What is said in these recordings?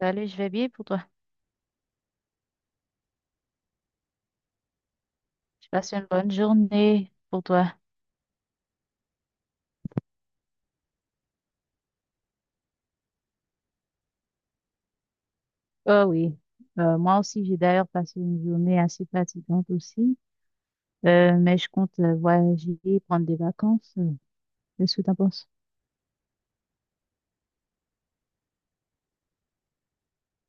Salut, je vais bien pour toi. Je passe une bonne journée pour toi. Oh oui. Moi aussi, j'ai d'ailleurs passé une journée assez fatigante aussi. Mais je compte voyager, prendre des vacances. Qu'est-ce que t'en penses?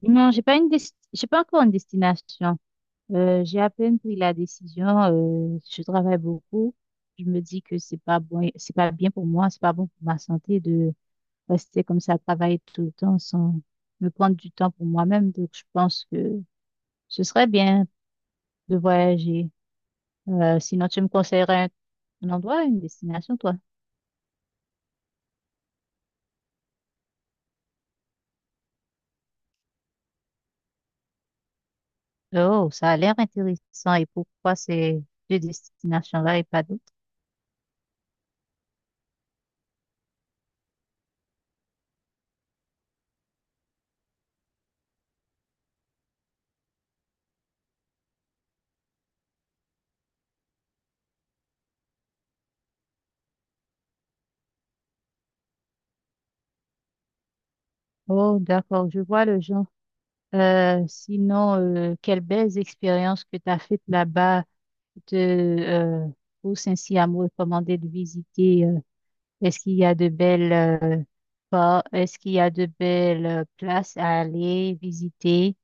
Non, j'ai pas encore une destination. J'ai à peine pris la décision. Je travaille beaucoup. Je me dis que c'est pas bon, c'est pas bien pour moi, c'est pas bon pour ma santé de rester comme ça, travailler tout le temps sans me prendre du temps pour moi-même. Donc, je pense que ce serait bien de voyager. Sinon, tu me conseillerais un endroit, une destination, toi? Oh, ça a l'air intéressant. Et pourquoi ces deux destinations-là et pas d'autres? Oh, d'accord, je vois le genre. Sinon, quelles belles expériences que tu as faites là-bas te poussent ainsi à me recommander de visiter. Est-ce qu'il y a de belles places à aller visiter?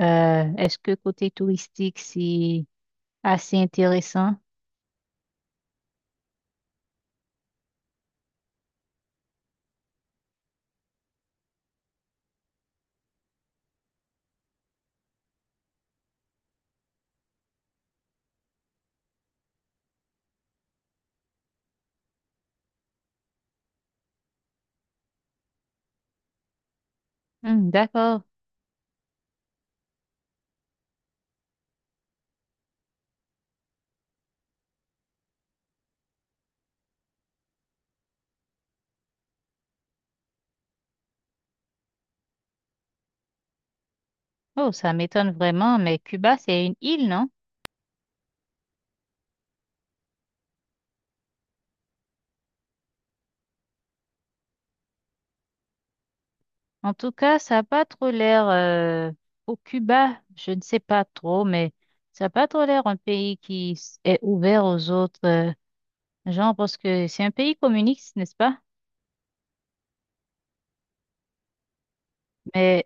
Est-ce que côté touristique, c'est assez intéressant. Hmm, d'accord. Oh, ça m'étonne vraiment, mais Cuba, c'est une île, non? En tout cas, ça n'a pas trop l'air. Au Cuba, je ne sais pas trop, mais ça n'a pas trop l'air un pays qui est ouvert aux autres gens, parce que c'est un pays communiste, n'est-ce pas? Mais,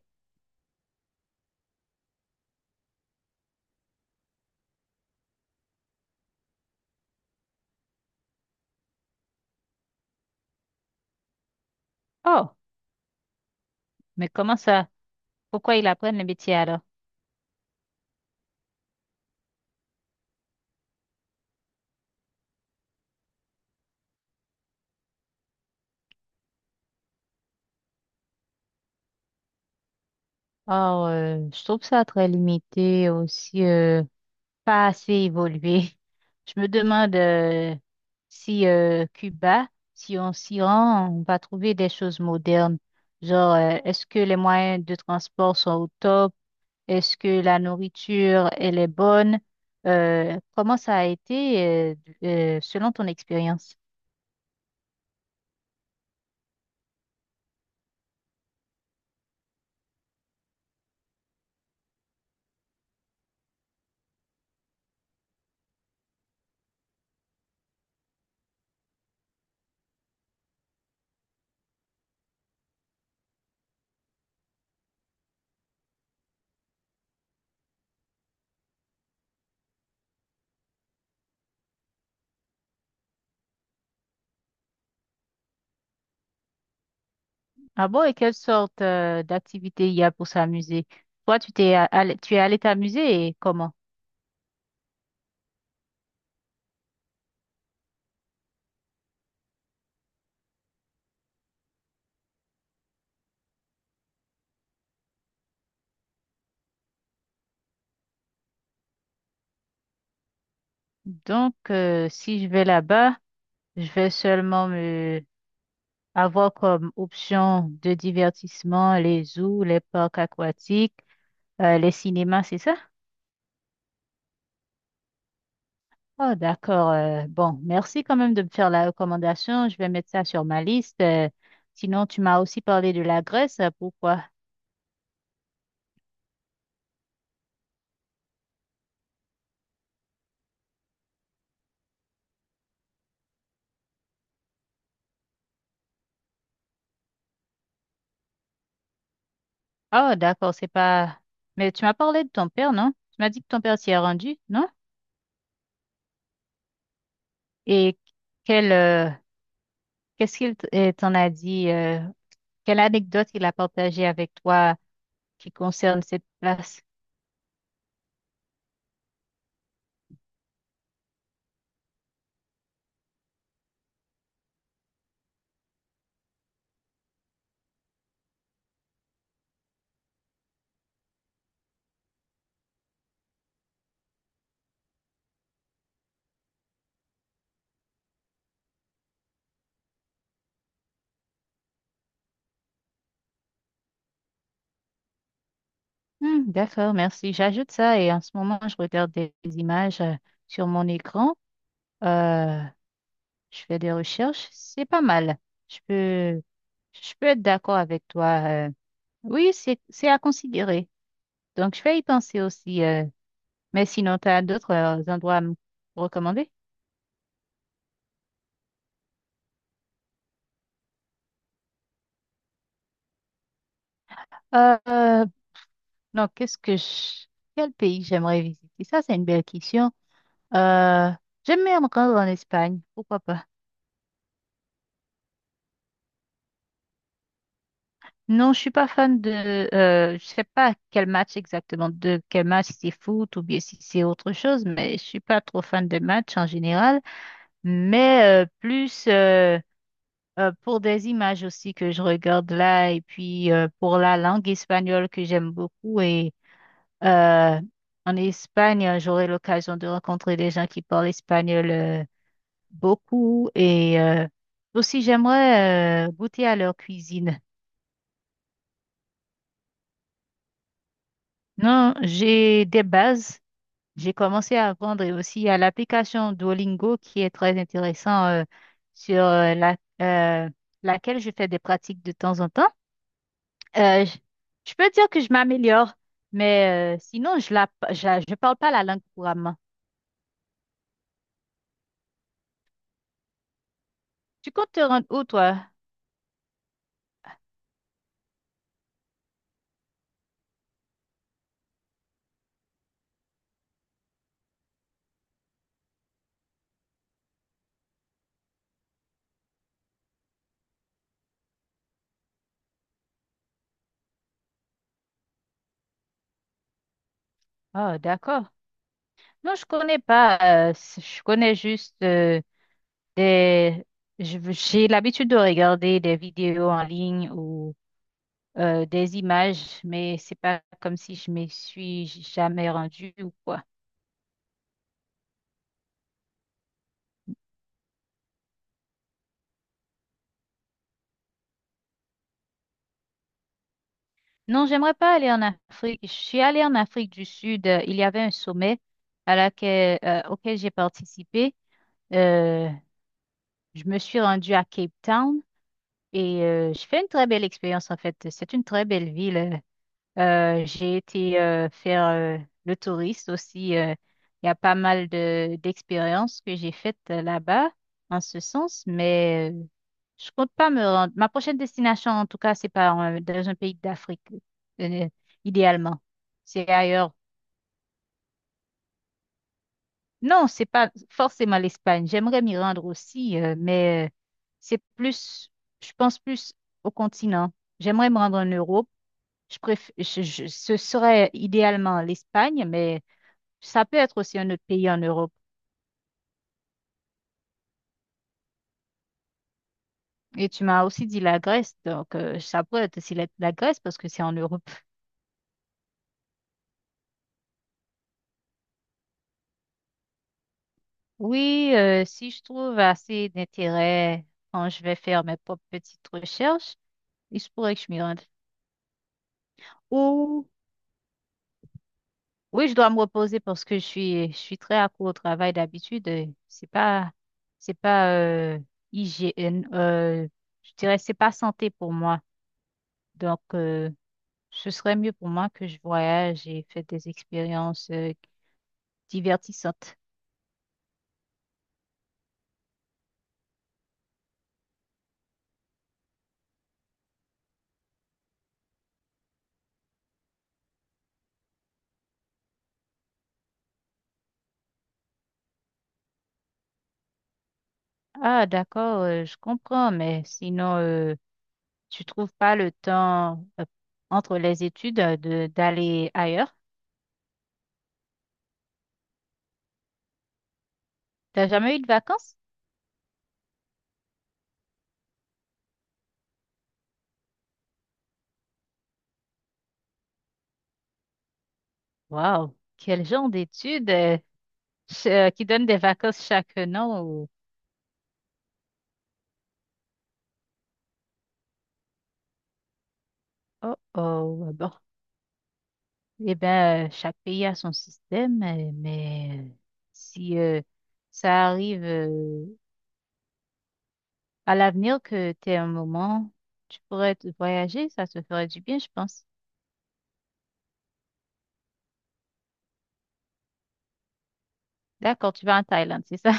oh, mais comment ça? Pourquoi ils apprennent le métier alors? Oh, je trouve ça très limité aussi. Pas assez évolué. Je me demande si Cuba, si on s'y rend, on va trouver des choses modernes. Genre, est-ce que les moyens de transport sont au top? Est-ce que la nourriture, elle est bonne? Comment ça a été selon ton expérience? Ah bon, et quelle sorte d'activité il y a pour s'amuser? Toi, allé, tu es allé t'amuser et comment? Donc, si je vais là-bas, je vais seulement avoir comme option de divertissement les zoos, les parcs aquatiques, les cinémas, c'est ça? Oh, d'accord. Bon, merci quand même de me faire la recommandation. Je vais mettre ça sur ma liste. Sinon, tu m'as aussi parlé de la Grèce. Pourquoi? Oh, d'accord, c'est pas. Mais tu m'as parlé de ton père, non? Tu m'as dit que ton père s'y est rendu, non? Et quel, euh, qu'est-ce qu'il t'en a dit? Quelle anecdote il a partagée avec toi qui concerne cette place? Hmm, d'accord, merci. J'ajoute ça et en ce moment, je regarde des images sur mon écran. Euh, je fais des recherches. C'est pas mal. Je peux, je peux être d'accord avec toi. euh. Oui, c'est à considérer. Donc, je vais y penser aussi. Mais sinon, tu as d'autres endroits à me recommander? Euh, euh, non, Quel pays j'aimerais visiter? Ça, c'est une belle question. Euh, J'aimerais me rendre en Espagne. Pourquoi pas? Non, je suis pas fan de. Je sais pas quel match exactement, de quel match c'est foot ou bien si c'est autre chose, mais je suis pas trop fan de matchs en général. Mais plus pour des images aussi que je regarde là et puis pour la langue espagnole que j'aime beaucoup et euh, en Espagne j'aurai l'occasion de rencontrer des gens qui parlent espagnol beaucoup et aussi j'aimerais goûter à leur cuisine. Non, j'ai des bases. J'ai commencé à apprendre et aussi à l'application Duolingo qui est très intéressant sur euh, laquelle je fais des pratiques de temps en temps. Euh, je, je peux dire que je m'améliore, mais sinon je parle pas la langue couramment. Tu comptes te rendre où toi? Oh, d'accord. Non, je connais pas. Je connais juste des. J'ai l'habitude de regarder des vidéos en ligne ou des images, mais c'est pas comme si je m'y suis jamais rendue ou quoi. Non, j'aimerais pas aller en Afrique. Je suis allée en Afrique du Sud. Il y avait un sommet auquel j'ai participé. Euh, je me suis rendue à Cape Town et je fais une très belle expérience en fait. C'est une très belle ville. J'ai été faire le touriste aussi. Il y a pas mal de d'expériences que j'ai faites là-bas en ce sens, mais je compte pas me rendre. Ma prochaine destination, en tout cas, c'est pas dans un pays d'Afrique, euh, idéalement. C'est ailleurs. Non, c'est pas forcément l'Espagne. J'aimerais m'y rendre aussi, mais c'est plus, je pense plus au continent. J'aimerais me rendre en Europe. Je préf- je- Ce serait idéalement l'Espagne, mais ça peut être aussi un autre pays en Europe. Et tu m'as aussi dit la Grèce, donc ça pourrait être aussi la Grèce parce que c'est en Europe. Oui, si je trouve assez d'intérêt quand je vais faire mes propres petites recherches, il se pourrait que je m'y rende. Ou oui, je dois me reposer parce que je suis très accro au travail d'habitude. C'est pas hygiène, je dirais c'est pas santé pour moi. Donc ce serait mieux pour moi que je voyage et fasse des expériences. Divertissante. Ah, d'accord, je comprends, mais sinon, tu trouves pas le temps entre les études de d'aller ailleurs? T'as jamais eu de vacances? Waouh, quel genre d'études qui donnent des vacances chaque an ou-? Oh, oh, ah bon. Eh bien, chaque pays a son système, mais si ça arrive à l'avenir, que tu aies un moment, tu pourrais te voyager, ça te ferait du bien, je pense. D'accord, tu vas en Thaïlande, c'est ça?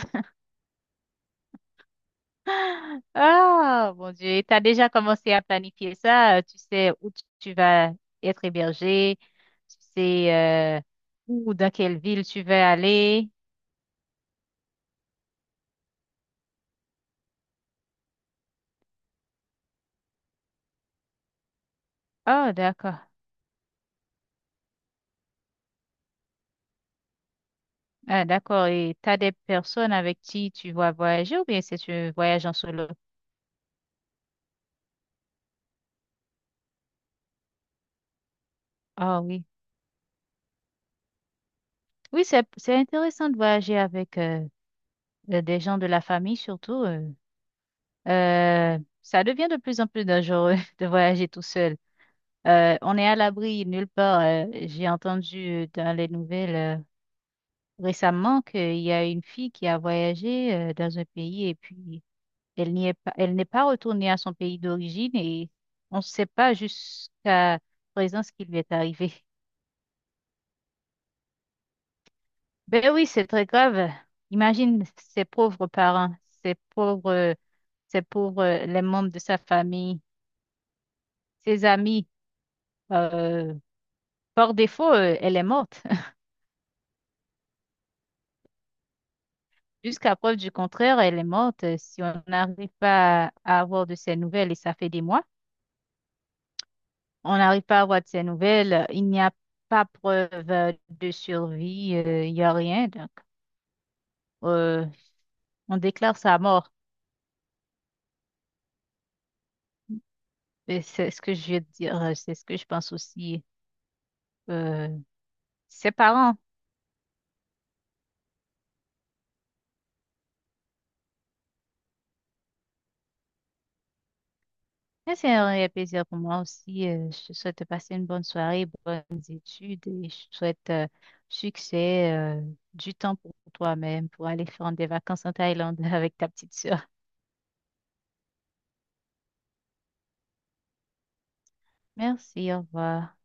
Ah, mon Dieu, et t'as déjà commencé à planifier ça, tu sais où tu vas être hébergé, tu sais euh, où, dans quelle ville tu vas aller. Oh, d'accord. Ah, d'accord, et t'as des personnes avec qui tu vas voyager ou bien c'est un voyage en solo? Ah oui. Oui, c'est intéressant de voyager avec des gens de la famille surtout. Ça devient de plus en plus dangereux de voyager tout seul. On est à l'abri nulle part. J'ai entendu dans les nouvelles récemment qu'il y a une fille qui a voyagé dans un pays et puis elle n'y est pas, elle n'est pas retournée à son pays d'origine et on ne sait pas jusqu'à présent ce qui lui est arrivé. Ben oui, c'est très grave. Imagine ses pauvres parents, ses pauvres, les membres de sa famille, ses amis. euh, Par défaut, elle est morte. Jusqu'à preuve du contraire, elle est morte. Si on n'arrive pas à avoir de ses nouvelles, et ça fait des mois, on n'arrive pas à avoir de ses nouvelles, il n'y a pas preuve de survie, il n'y a rien. Donc, euh, on déclare sa mort. Et c'est ce que je veux dire, c'est ce que je pense aussi. Euh, Ses parents. Mais c'est un réel plaisir pour moi aussi. Je te souhaite de passer une bonne soirée, bonnes études et je te souhaite succès, du temps pour toi-même pour aller faire des vacances en Thaïlande avec ta petite sœur. Merci, au revoir.